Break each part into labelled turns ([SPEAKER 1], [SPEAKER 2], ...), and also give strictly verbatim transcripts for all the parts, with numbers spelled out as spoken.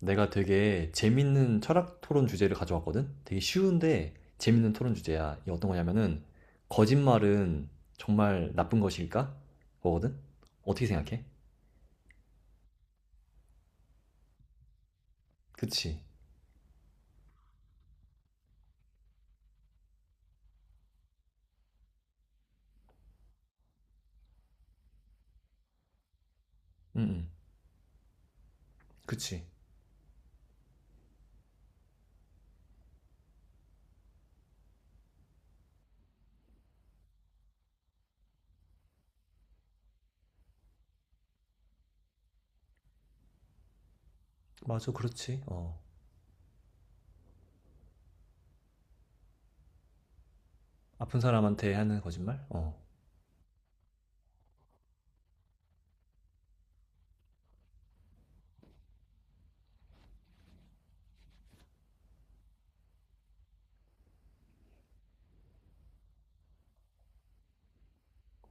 [SPEAKER 1] 내가 되게 재밌는 철학 토론 주제를 가져왔거든? 되게 쉬운데 재밌는 토론 주제야. 이게 어떤 거냐면은, 거짓말은 정말 나쁜 것일까? 거거든? 어떻게 생각해? 그치. 응, 응. 그치. 맞아, 그렇지. 어. 아픈 사람한테 하는 거짓말? 어.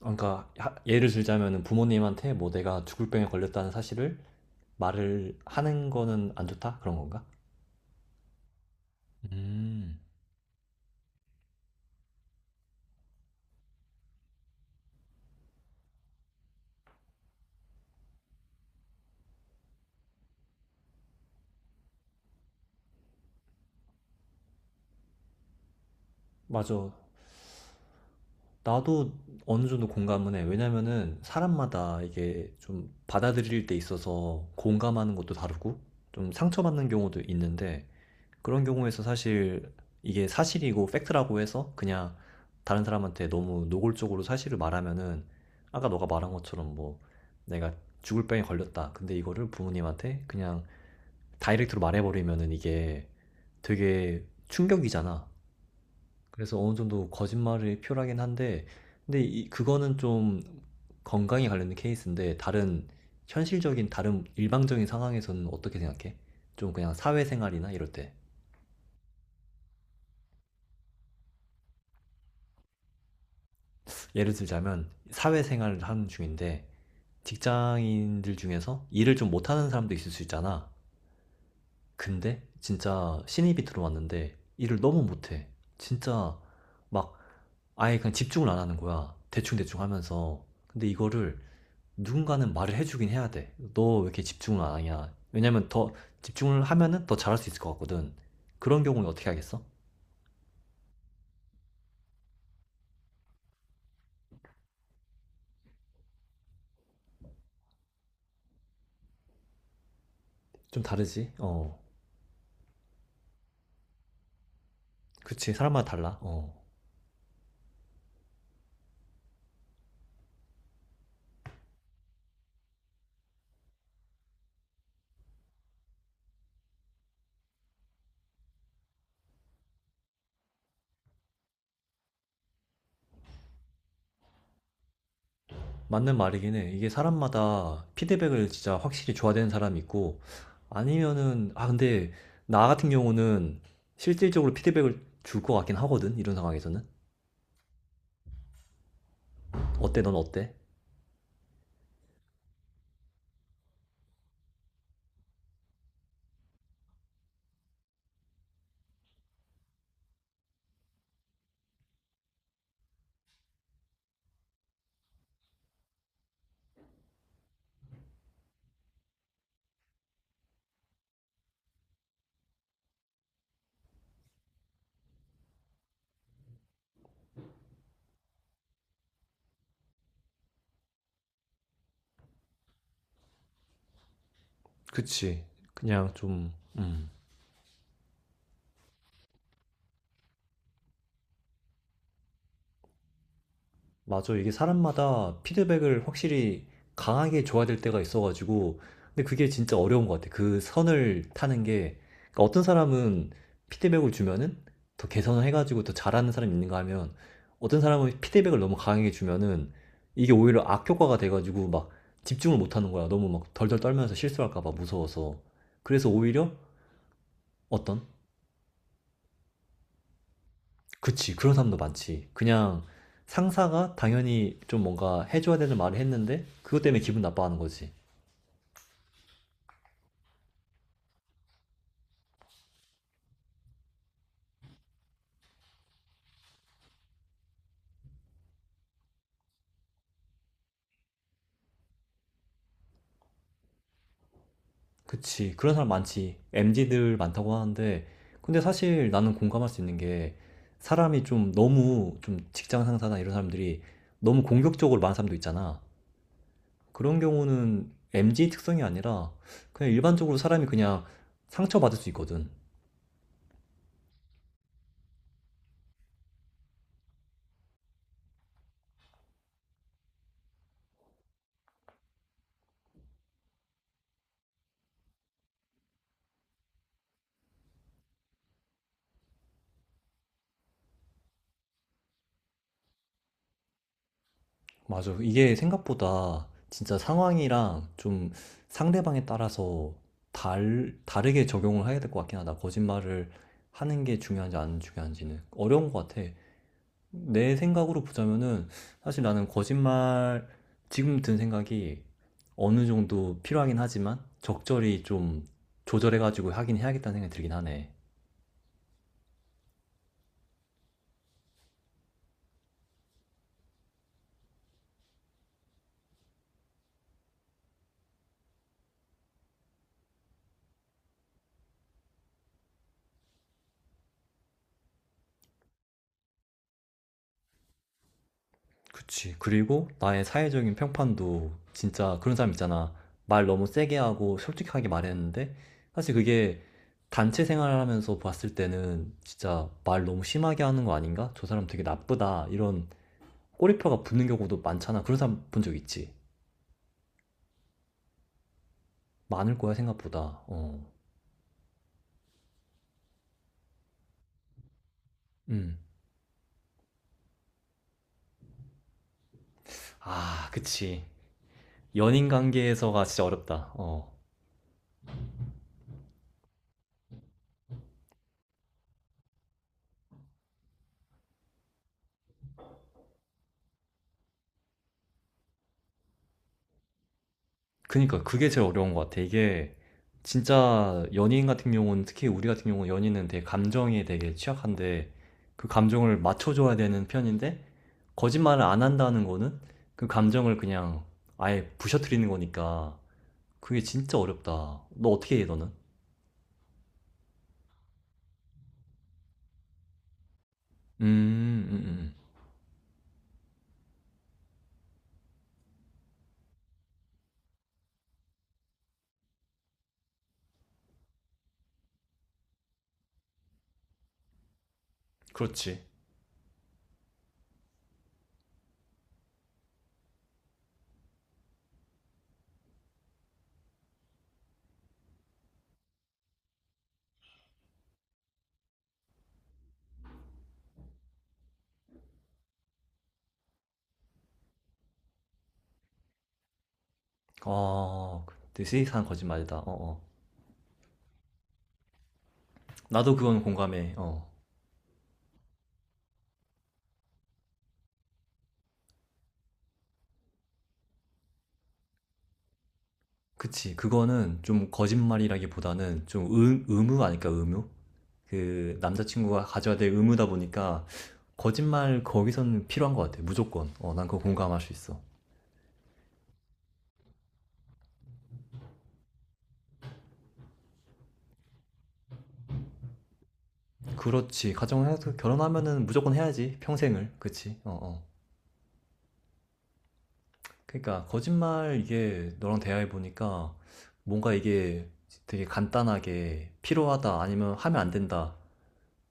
[SPEAKER 1] 그러니까, 하- 예를 들자면은 부모님한테 뭐 내가 죽을 병에 걸렸다는 사실을 말을 하는 거는 안 좋다? 그런 건가? 음. 맞아. 나도 어느 정도 공감은 해. 왜냐면은 사람마다 이게 좀 받아들일 때 있어서 공감하는 것도 다르고 좀 상처받는 경우도 있는데 그런 경우에서 사실 이게 사실이고 팩트라고 해서 그냥 다른 사람한테 너무 노골적으로 사실을 말하면은 아까 너가 말한 것처럼 뭐 내가 죽을 병에 걸렸다. 근데 이거를 부모님한테 그냥 다이렉트로 말해버리면은 이게 되게 충격이잖아. 그래서 어느 정도 거짓말이 필요하긴 한데 근데 이 그거는 좀 건강에 관련된 케이스인데 다른 현실적인 다른 일방적인 상황에서는 어떻게 생각해? 좀 그냥 사회생활이나 이럴 때 예를 들자면 사회생활을 하는 중인데 직장인들 중에서 일을 좀 못하는 사람도 있을 수 있잖아. 근데 진짜 신입이 들어왔는데 일을 너무 못해. 진짜 막 아예 그냥 집중을 안 하는 거야. 대충대충 하면서. 근데 이거를 누군가는 말을 해주긴 해야 돼. 너 왜 이렇게 집중을 안 하냐? 왜냐면 더 집중을 하면은 더 잘할 수 있을 것 같거든. 그런 경우는 어떻게 하겠어? 좀 다르지? 어. 그치. 사람마다 달라. 어. 맞는 말이긴 해. 이게 사람마다 피드백을 진짜 확실히 줘야 되는 사람이 있고, 아니면은, 아, 근데 나 같은 경우는 실질적으로 피드백을 줄 것 같긴 하거든. 이런 상황에서는. 어때? 넌 어때? 그치. 그냥 좀, 음. 맞아. 이게 사람마다 피드백을 확실히 강하게 줘야 될 때가 있어가지고. 근데 그게 진짜 어려운 것 같아. 그 선을 타는 게. 그러니까 어떤 사람은 피드백을 주면은 더 개선을 해가지고 더 잘하는 사람이 있는가 하면 어떤 사람은 피드백을 너무 강하게 주면은 이게 오히려 악효과가 돼가지고 막 집중을 못 하는 거야. 너무 막 덜덜 떨면서 실수할까 봐 무서워서. 그래서 오히려 어떤 그치, 그런 사람도 많지. 그냥 상사가 당연히 좀 뭔가 해줘야 되는 말을 했는데, 그것 때문에 기분 나빠하는 거지. 그치, 그런 사람 많지. 엠지들 많다고 하는데, 근데 사실 나는 공감할 수 있는 게, 사람이 좀 너무, 좀 직장 상사나 이런 사람들이 너무 공격적으로 말하는 사람도 있잖아. 그런 경우는 엠지 특성이 아니라, 그냥 일반적으로 사람이 그냥 상처받을 수 있거든. 맞아. 이게 생각보다 진짜 상황이랑 좀 상대방에 따라서 달, 다르게 적용을 해야 될 것 같긴 하다. 거짓말을 하는 게 중요한지 안 중요한지는 어려운 것 같아. 내 생각으로 보자면은 사실 나는 거짓말 지금 든 생각이 어느 정도 필요하긴 하지만 적절히 좀 조절해가지고 하긴 해야겠다는 생각이 들긴 하네. 그치. 그리고 나의 사회적인 평판도 진짜 그런 사람 있잖아. 말 너무 세게 하고 솔직하게 말했는데 사실 그게 단체 생활하면서 봤을 때는 진짜 말 너무 심하게 하는 거 아닌가? 저 사람 되게 나쁘다. 이런 꼬리표가 붙는 경우도 많잖아. 그런 사람 본 적 있지? 많을 거야, 생각보다. 어. 음. 아, 그치. 연인 관계에서가 진짜 어렵다. 어. 그니까 그게 제일 어려운 것 같아. 이게 진짜 연예인 같은 경우는 특히 우리 같은 경우는 연예인은 되게 감정에 되게 취약한데 그 감정을 맞춰줘야 되는 편인데 거짓말을 안 한다는 거는 그 감정을 그냥 아예 부셔뜨리는 거니까 그게 진짜 어렵다. 너 어떻게 해, 너는? 음, 음, 음. 그렇지. 아, 되게 세이사한 거짓말이다. 어, 어. 나도 그건 공감해. 어. 그치. 그거는 좀 거짓말이라기보다는 좀 의, 의무 아닐까, 의무? 그 남자친구가 가져야 될 의무다 보니까 거짓말 거기서는 필요한 것 같아. 무조건. 어, 난 그거 공감할 수 있어. 그렇지. 가정해서 결혼하면은 무조건 해야지. 평생을. 그치? 어, 어. 그러니까 거짓말 이게 너랑 대화해 보니까 뭔가 이게 되게 간단하게 필요하다 아니면 하면 안 된다.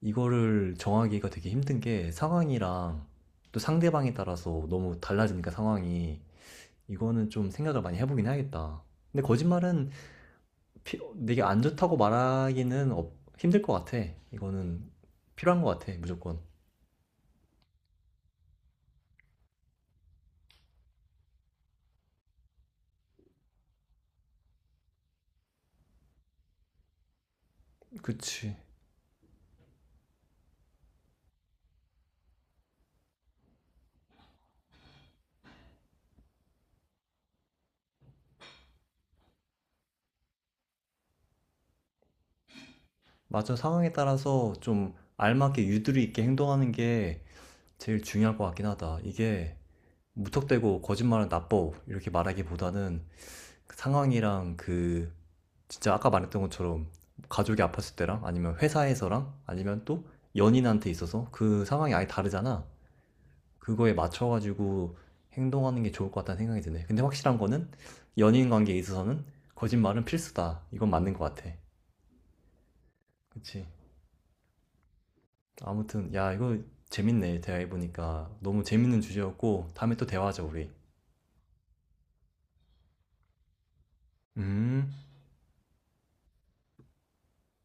[SPEAKER 1] 이거를 정하기가 되게 힘든 게 상황이랑 또 상대방에 따라서 너무 달라지니까 상황이 이거는 좀 생각을 많이 해보긴 해야겠다. 근데 거짓말은 피- 되게 안 좋다고 말하기는 어, 힘들 것 같아. 이거는 필요한 것 같아, 무조건. 그치. 맞아, 상황에 따라서 좀 알맞게 유두리 있게 행동하는 게 제일 중요할 것 같긴 하다. 이게 무턱대고 거짓말은 나빠 이렇게 말하기보다는 그 상황이랑 그 진짜 아까 말했던 것처럼 가족이 아팠을 때랑 아니면 회사에서랑 아니면 또 연인한테 있어서 그 상황이 아예 다르잖아. 그거에 맞춰가지고 행동하는 게 좋을 것 같다는 생각이 드네. 근데 확실한 거는 연인 관계에 있어서는 거짓말은 필수다. 이건 맞는 것 같아. 그치. 아무튼, 야, 이거 재밌네. 대화해보니까. 너무 재밌는 주제였고, 다음에 또 대화하자, 우리. 음.